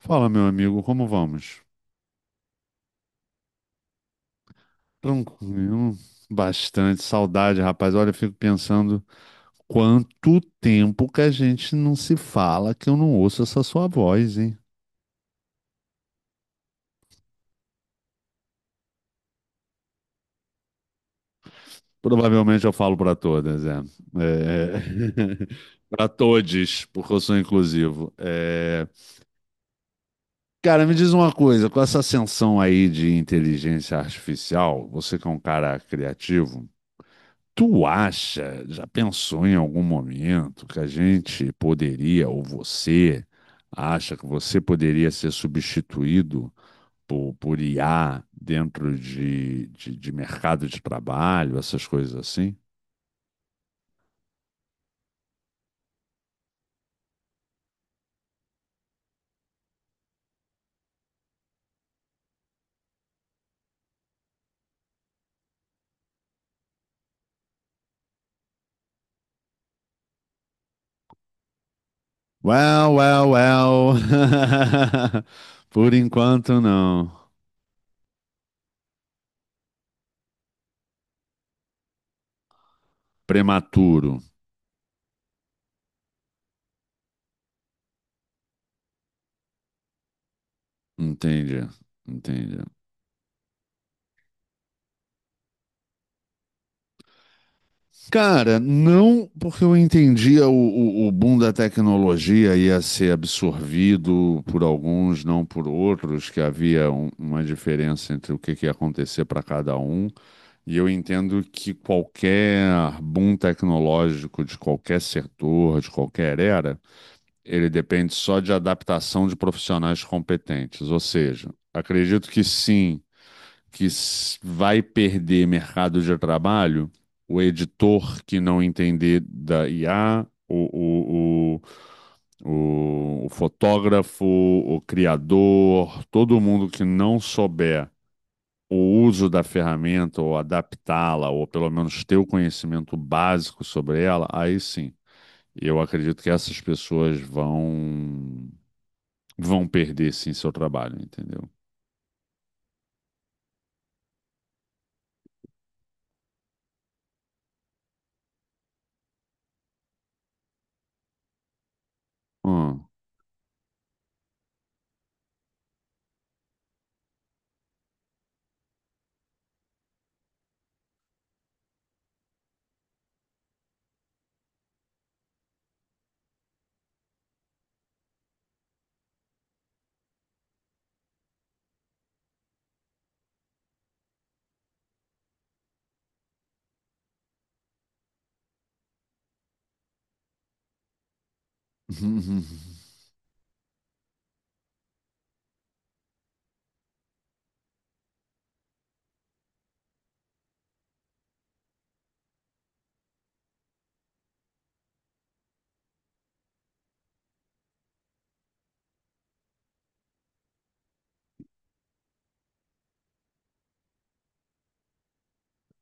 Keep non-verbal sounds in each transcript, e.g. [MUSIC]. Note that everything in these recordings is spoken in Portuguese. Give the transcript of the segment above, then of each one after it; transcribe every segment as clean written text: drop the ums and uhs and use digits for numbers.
Fala, meu amigo, como vamos? Tranquilo, bastante saudade, rapaz. Olha, eu fico pensando quanto tempo que a gente não se fala, que eu não ouço essa sua voz, hein? Provavelmente eu falo para todas, é. É... [LAUGHS] Para todes, porque eu sou inclusivo. Cara, me diz uma coisa, com essa ascensão aí de inteligência artificial, você que é um cara criativo. Tu acha, já pensou em algum momento que a gente poderia, ou você acha que você poderia ser substituído por IA dentro de mercado de trabalho, essas coisas assim? Well, well, well. [LAUGHS] Por enquanto, não. Prematuro. Entende? Entende. Cara, não porque eu entendia o boom da tecnologia ia ser absorvido por alguns, não por outros, que havia uma diferença entre o que ia acontecer para cada um. E eu entendo que qualquer boom tecnológico de qualquer setor, de qualquer era, ele depende só de adaptação de profissionais competentes. Ou seja, acredito que sim vai perder mercado de trabalho, o editor que não entender da IA, o, o fotógrafo, o criador, todo mundo que não souber o uso da ferramenta ou adaptá-la, ou pelo menos ter o conhecimento básico sobre ela, aí sim. Eu acredito que essas pessoas vão perder sim seu trabalho, entendeu? Hum. [LAUGHS]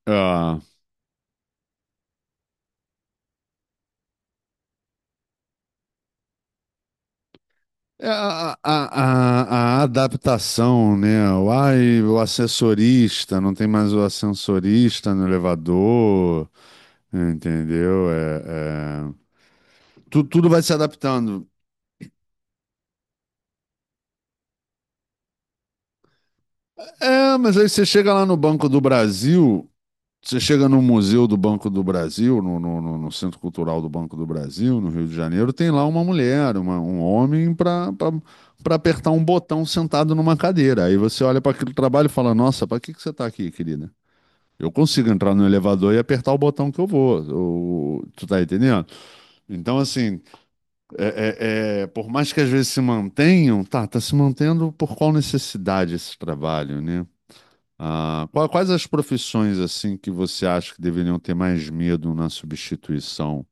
Ah. É, A, a, a adaptação, né? O assessorista, não tem mais o ascensorista no elevador, entendeu? É, tudo vai se adaptando. É, mas aí você chega lá no Banco do Brasil, você chega no Museu do Banco do Brasil, no Centro Cultural do Banco do Brasil, no Rio de Janeiro, tem lá uma mulher, um homem para apertar um botão sentado numa cadeira. Aí você olha para aquele trabalho e fala: Nossa, para que que você está aqui, querida? Eu consigo entrar no elevador e apertar o botão que eu vou. Tu tá entendendo? Então, assim, por mais que às vezes se mantenham, tá se mantendo por qual necessidade esse trabalho, né? Ah, quais as profissões, assim, que você acha que deveriam ter mais medo na substituição?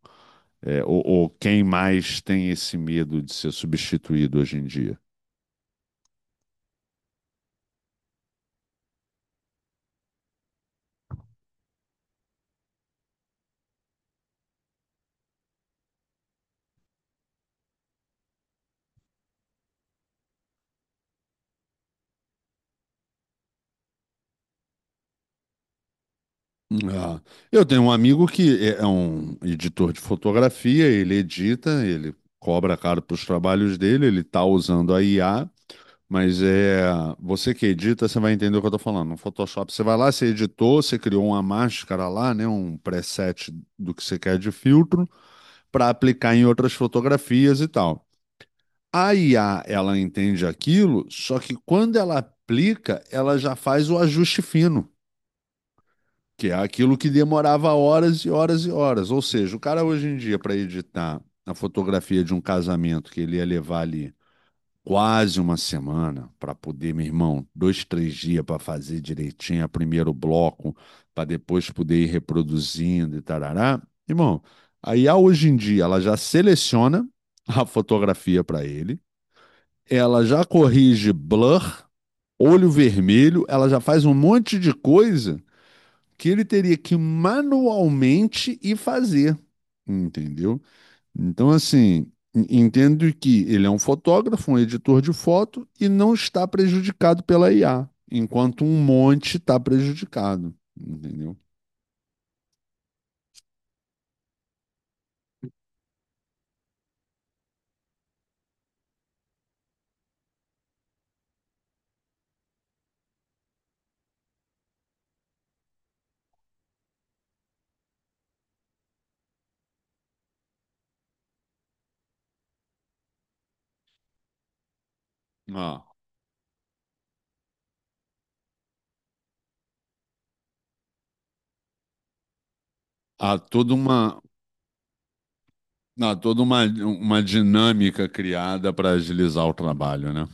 Ou quem mais tem esse medo de ser substituído hoje em dia? Ah, eu tenho um amigo que é um editor de fotografia, ele edita, ele cobra caro para os trabalhos dele, ele está usando a IA, mas é você que edita, você vai entender o que eu estou falando. No Photoshop, você vai lá, você editou, você criou uma máscara lá, né, um preset do que você quer de filtro para aplicar em outras fotografias e tal. A IA, ela entende aquilo, só que quando ela aplica, ela já faz o ajuste fino. Que é aquilo que demorava horas e horas e horas. Ou seja, o cara hoje em dia, para editar a fotografia de um casamento que ele ia levar ali quase uma semana para poder, meu irmão, dois, três dias para fazer direitinho a primeiro bloco, para depois poder ir reproduzindo e tarará. Irmão, a IA hoje em dia, ela já seleciona [LAUGHS] a fotografia para ele, ela já corrige blur, olho vermelho, ela já faz um monte de coisa que ele teria que manualmente ir fazer, entendeu? Então, assim, entendo que ele é um fotógrafo, um editor de foto e não está prejudicado pela IA, enquanto um monte está prejudicado, entendeu? Ah, há toda Não, toda uma dinâmica criada para agilizar o trabalho, né?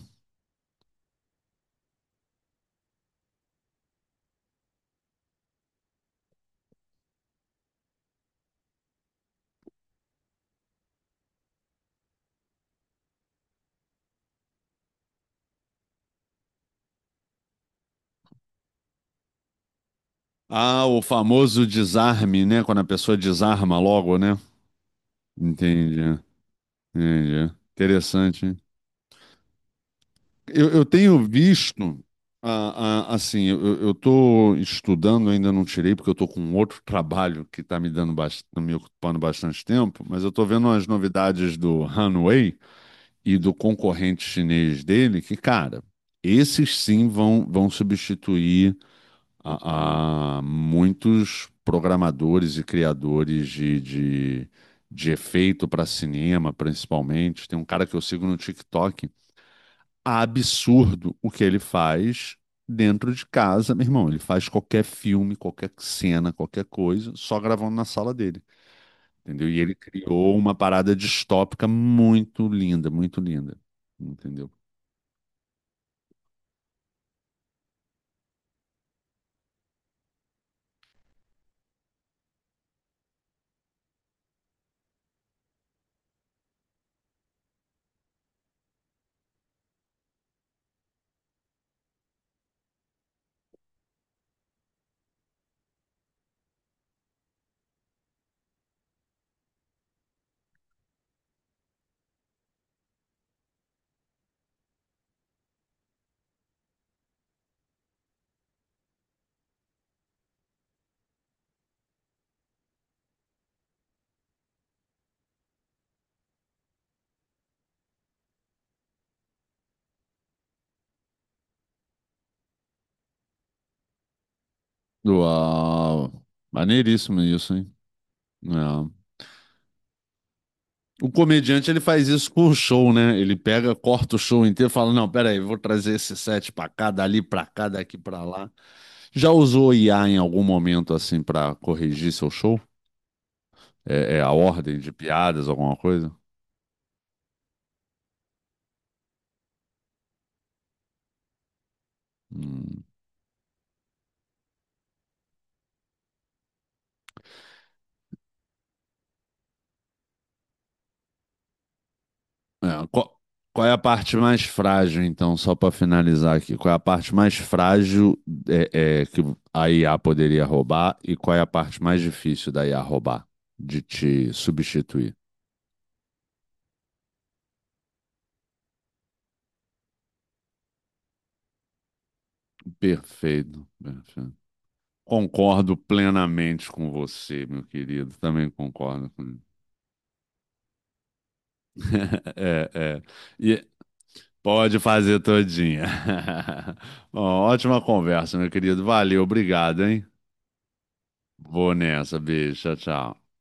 Ah, o famoso desarme, né? Quando a pessoa desarma logo, né? Entendi, entendi. Interessante. Hein? Eu tenho visto, assim, eu estou estudando, ainda não tirei, porque eu estou com outro trabalho que está me dando bastante, me ocupando bastante tempo, mas eu estou vendo as novidades do Hanwei e do concorrente chinês dele, que, cara, esses sim vão, vão substituir a muitos programadores e criadores de efeito para cinema, principalmente. Tem um cara que eu sigo no TikTok absurdo o que ele faz dentro de casa, meu irmão. Ele faz qualquer filme, qualquer cena, qualquer coisa, só gravando na sala dele, entendeu? E ele criou uma parada distópica muito linda, entendeu? Uau! Maneiríssimo isso, hein? É. O comediante ele faz isso com o show, né? Ele pega, corta o show inteiro, e fala: Não, peraí, vou trazer esse set pra cá, dali pra cá, daqui pra lá. Já usou IA em algum momento assim pra corrigir seu show? É, é a ordem de piadas, alguma coisa? Hum. É, qual, qual é a parte mais frágil, então, só para finalizar aqui? Qual é a parte mais frágil que a IA poderia roubar e qual é a parte mais difícil da IA roubar, de te substituir? Perfeito, perfeito. Concordo plenamente com você, meu querido. Também concordo com. [LAUGHS] É, é. E pode fazer todinha. [LAUGHS] Bom, ótima conversa, meu querido. Valeu, obrigado, hein? Vou nessa, beijo, tchau, tchau.